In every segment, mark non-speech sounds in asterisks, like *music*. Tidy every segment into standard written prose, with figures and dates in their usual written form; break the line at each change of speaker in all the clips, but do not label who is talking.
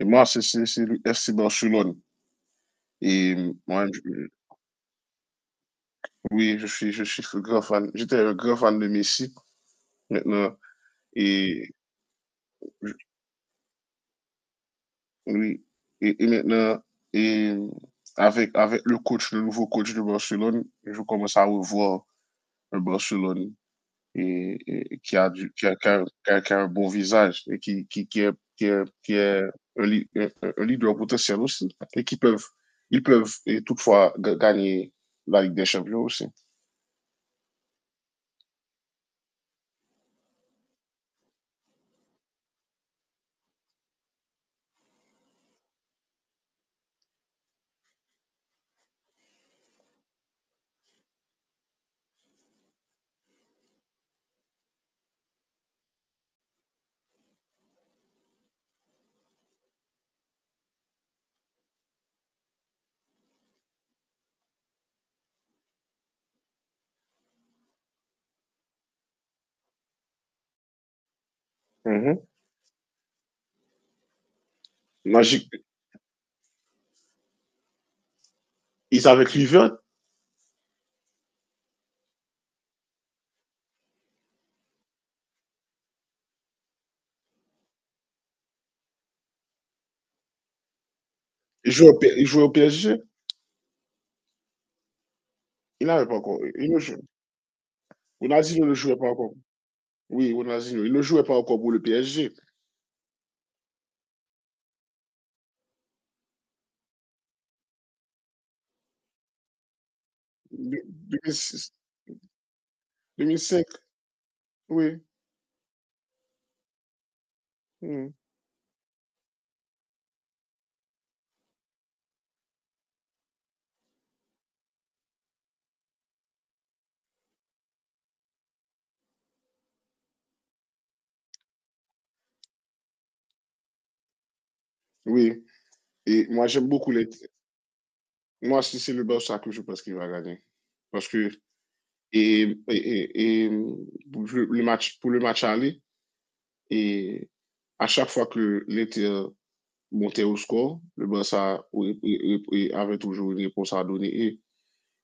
Et moi, c'est le FC Barcelone. Moi, oui, je suis un grand fan. J'étais un grand fan de Messi maintenant. Et je- oui, et maintenant, et avec le coach, le nouveau coach de Barcelone, je commence à revoir un Barcelone et, et qui a du, qui a, qui a- qui a- qui a un bon visage et qui est un, li- un- un leader potentiel aussi. Et qui peuvent, ils peuvent et toutefois gagner la Ligue des Champions aussi. Mhm. Magic, il savait que Kluivert, il jouait au PSG, il n'avait pas encore. Il ne jouait, Ronaldinho ne jouait pas encore. Oui, Ronaldinho, il ne jouait pas encore pour le PSG. 2006, 2005, oui. Hmm, oui. Et moi, j'aime beaucoup les. Moi, si c'est le Barça que je pense qu'il va gagner. Parce que et, et, et- et pour le match, pour le match aller, et à chaque fois que l'Inter montait au score, le Barça, oui, oui, oui, oui, avait toujours une réponse à donner. Et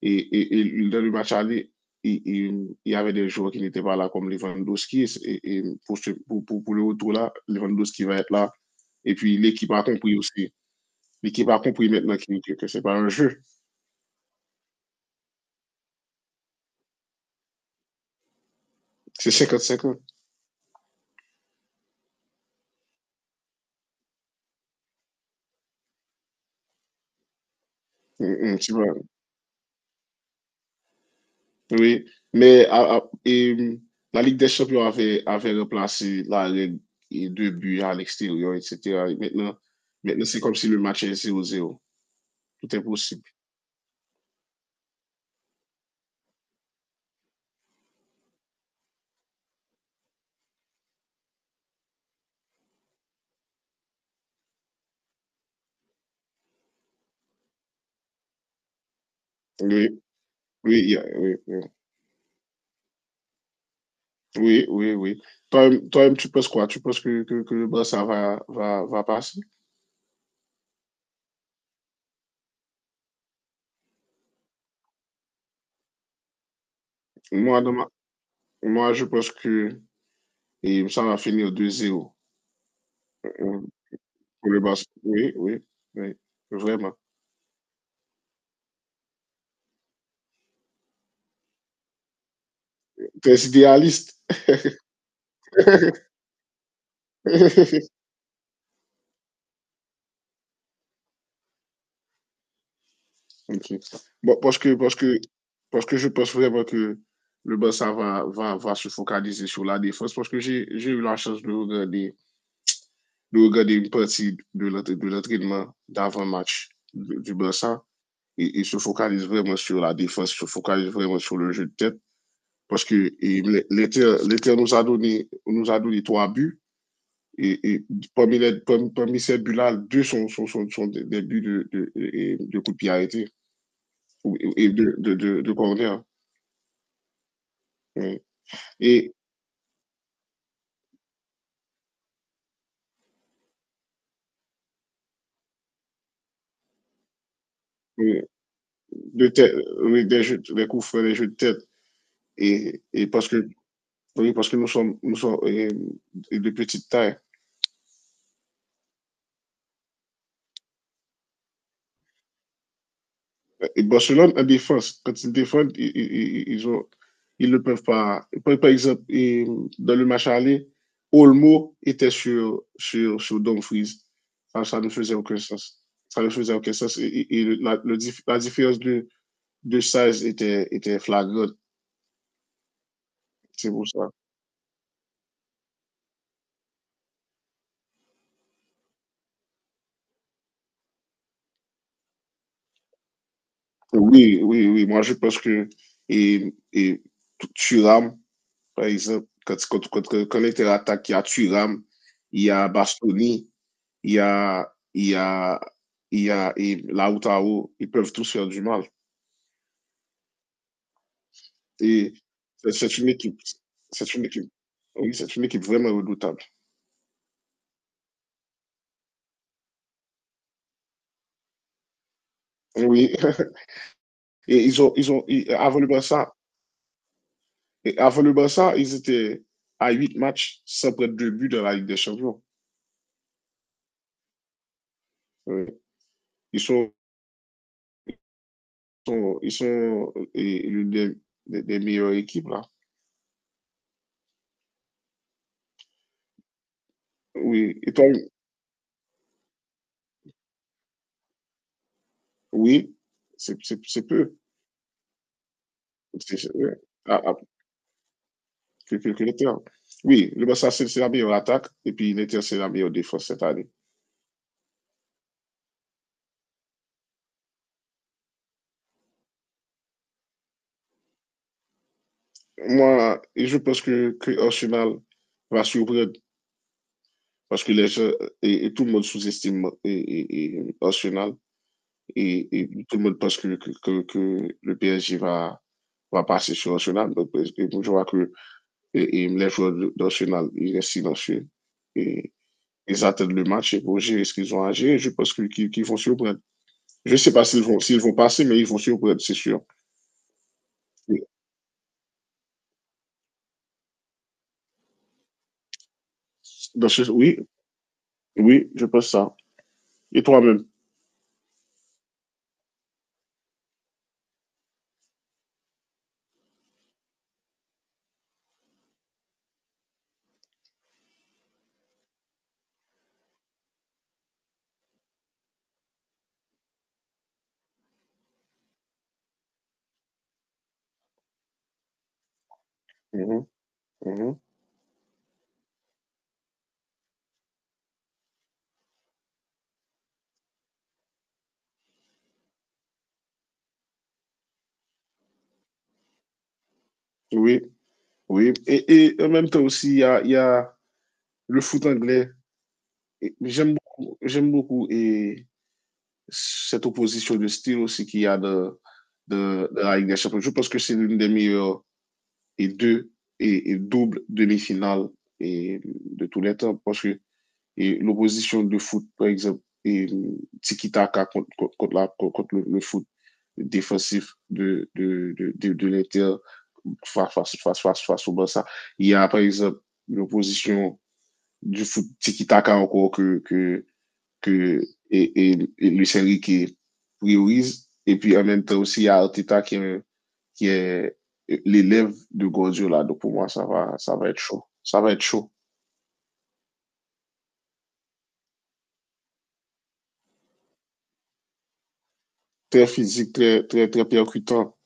Et, et, et dans le match aller, il y avait des joueurs qui n'étaient pas là, comme Lewandowski. Et pour, ce- pour le retour là, Lewandowski va être là. Et puis l'équipe a compris aussi. L'équipe a compris maintenant que, que c'est pas un jeu. C'est cinquante cinquante, tu vois. Oui. Mais la Ligue des Champions avait, remplacé la règle deux buts à l'extérieur, etc. Et maintenant c'est comme si le match est 0 zéro. Tout est possible. Oui, oui, oui, oui. Oui, oui, oui. Toi-même, toi-même, tu penses quoi? Tu penses que, que le Barça va, va passer? Moi, moi, je pense que et ça va finir 2-0 pour le Barça. Oui, oui, oui, vraiment. Très idéaliste. *laughs* Ok. Bon, parce que, parce que je pense vraiment que le Barça va, va se focaliser sur la défense parce que j'ai eu la chance de regarder une partie de l'entraînement d'avant-match du Barça, et se focalise vraiment sur la défense, se focalise vraiment sur le jeu de tête. Parce que et l'Éther nous a donné trois buts. Et parmi ces buts-là, deux sont des, buts de coup de pied arrêté et de corner. Ouais. Et euh, de tête, oui, des, jeux, des coups francs, des jeux de tête. Et parce que oui, parce que nous sommes de petite taille. Et Barcelone en défense, quand ils défendent, ils ont, ils ne peuvent pas. Par, exemple, dans le match aller, Olmo était sur Dumfries. Ça ne faisait aucun sens. Ça ne faisait aucun sens. Et la différence de size était flagrante. C'est pour ça. Oui, oui, oui. Moi, je pense que et Thuram, par exemple, quand il était attaqué, il y a Thuram, il y a Bastoni, il y a, il y a, et la Outaho, ils peuvent tous faire du mal. Et c'est- une équipe, c'est une équipe, oui, c'est une équipe vraiment redoutable. Oui, *laughs* et avant le Barça, ils étaient à 8 matchs sans prendre de but dans la Ligue des Champions. Oui. Ils sont l'une des meilleures équipes, là. Oui, et toi, oui, c'est peu. Ouais. À- que l'Inter. Oui, le Barça, c'est la meilleure attaque et puis l'Inter, c'est la meilleure défense cette année. Moi, et je pense que Arsenal va surprendre parce que les gens et tout le monde sous-estime et Arsenal et tout le monde pense que le PSG va passer sur Arsenal. Donc, et je vois que et les joueurs d'Arsenal, ils restent silencieux et ils attendent le match et pour gérer ce qu'ils ont à gérer. Je pense qu'ils vont surprendre. Je ne sais pas s'ils vont passer, mais ils vont surprendre, c'est sûr. Et, Oui, oui, je pense ça. Et toi-même? Mhm, mhm. Oui, oui. Et en même temps aussi, il y a le foot anglais. Et j'aime beaucoup cette opposition de style aussi qu'il y a de la Ligue des Champions. Je pense que c'est l'une des meilleures et deux et double demi-finales et de tous les temps parce que et l'opposition de foot, par exemple, et tiki-taka contre le foot. Défensif de l'Inter face au Barça. Il y a, par exemple, l'opposition du foot tiki-taka encore que Lucien Riquet priorise. Et puis, en même temps aussi, il y a Arteta qui est l'élève de Guardiola. Donc, pour moi, ça va être chaud. Ça va être chaud. Très physique, très, très, très percutant.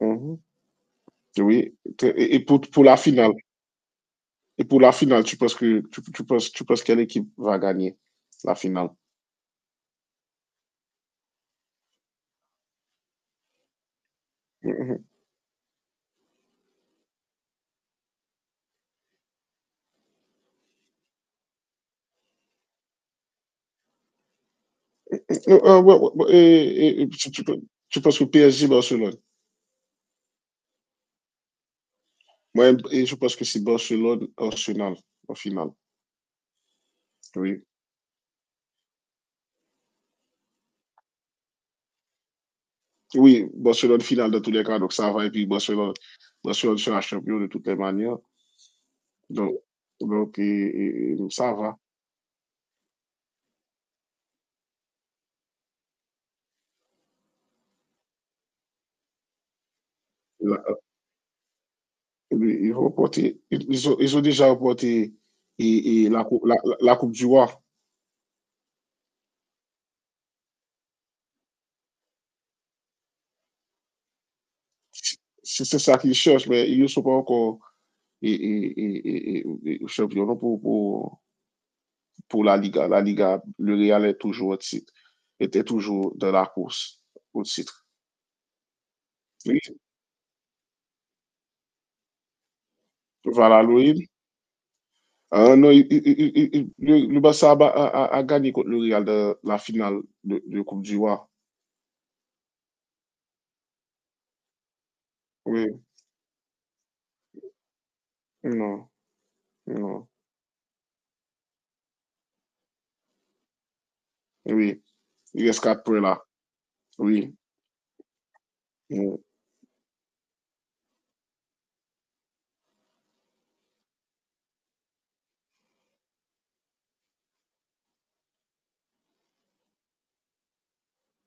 Mhm. Oui, et pour la finale, tu penses que tu penses quelle équipe va gagner la finale? Mhm. Ouais, ouais, ouais, et tu penses que PSG Barcelone? Moi, et je pense que c'est Barcelone Arsenal en finale. Oui. Oui, Barcelone finale dans tous les cas, donc ça va. Et puis Barcelone, Barcelone sera champion de toutes les manières. Donc, donc, ça va. La- euh, Ils, vont porter- ils ont déjà remporté et la Coupe du Roi. C'est ça qu'ils cherchent, mais ils ne sont pas encore champions non, pour la Liga. La Liga, le Real est toujours au titre, était toujours dans la course au titre. Oui. Voilà, Louis. Ah non, le Barça a, ba- a- a a gagné contre le Real de la finale de Coupe du Roi. Oui, non, non, oui, il reste quatre points là. Oui, oui,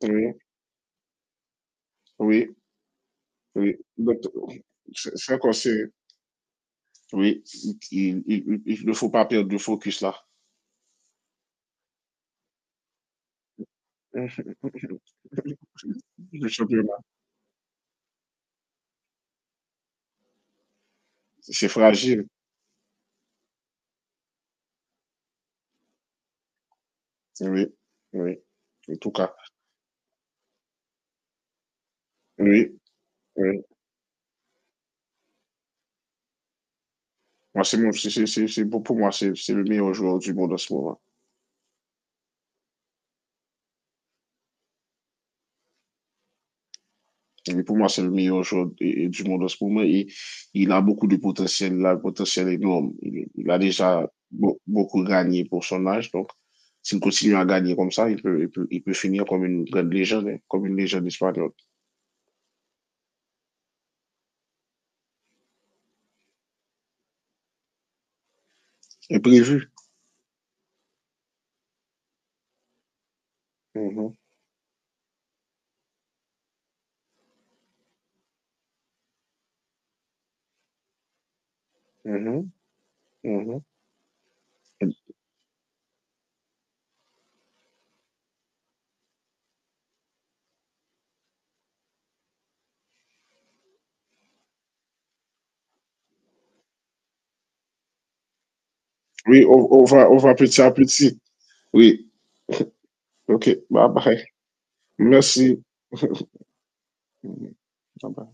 oui, oui. Oui. Donc, c'est encore serré. Oui, il ne faut pas perdre de focus là. *laughs* Le championnat, c'est fragile. Oui, oui, en tout cas. Oui, oui. Moi, c'est mon, c'est- pour moi, c'est le meilleur joueur du monde en ce moment. Et pour moi, c'est le meilleur joueur du monde en ce moment et il a beaucoup de potentiel, il a un potentiel énorme. Il a déjà beaucoup gagné pour son âge, donc s'il continue à gagner comme ça, il peut finir comme une grande légende, hein, comme une légende espagnole. Imprévu. Mhm, mhm, mhm. Oui, on va petit à petit. Oui, ok, bye bye. Merci. Mhm, bye bye.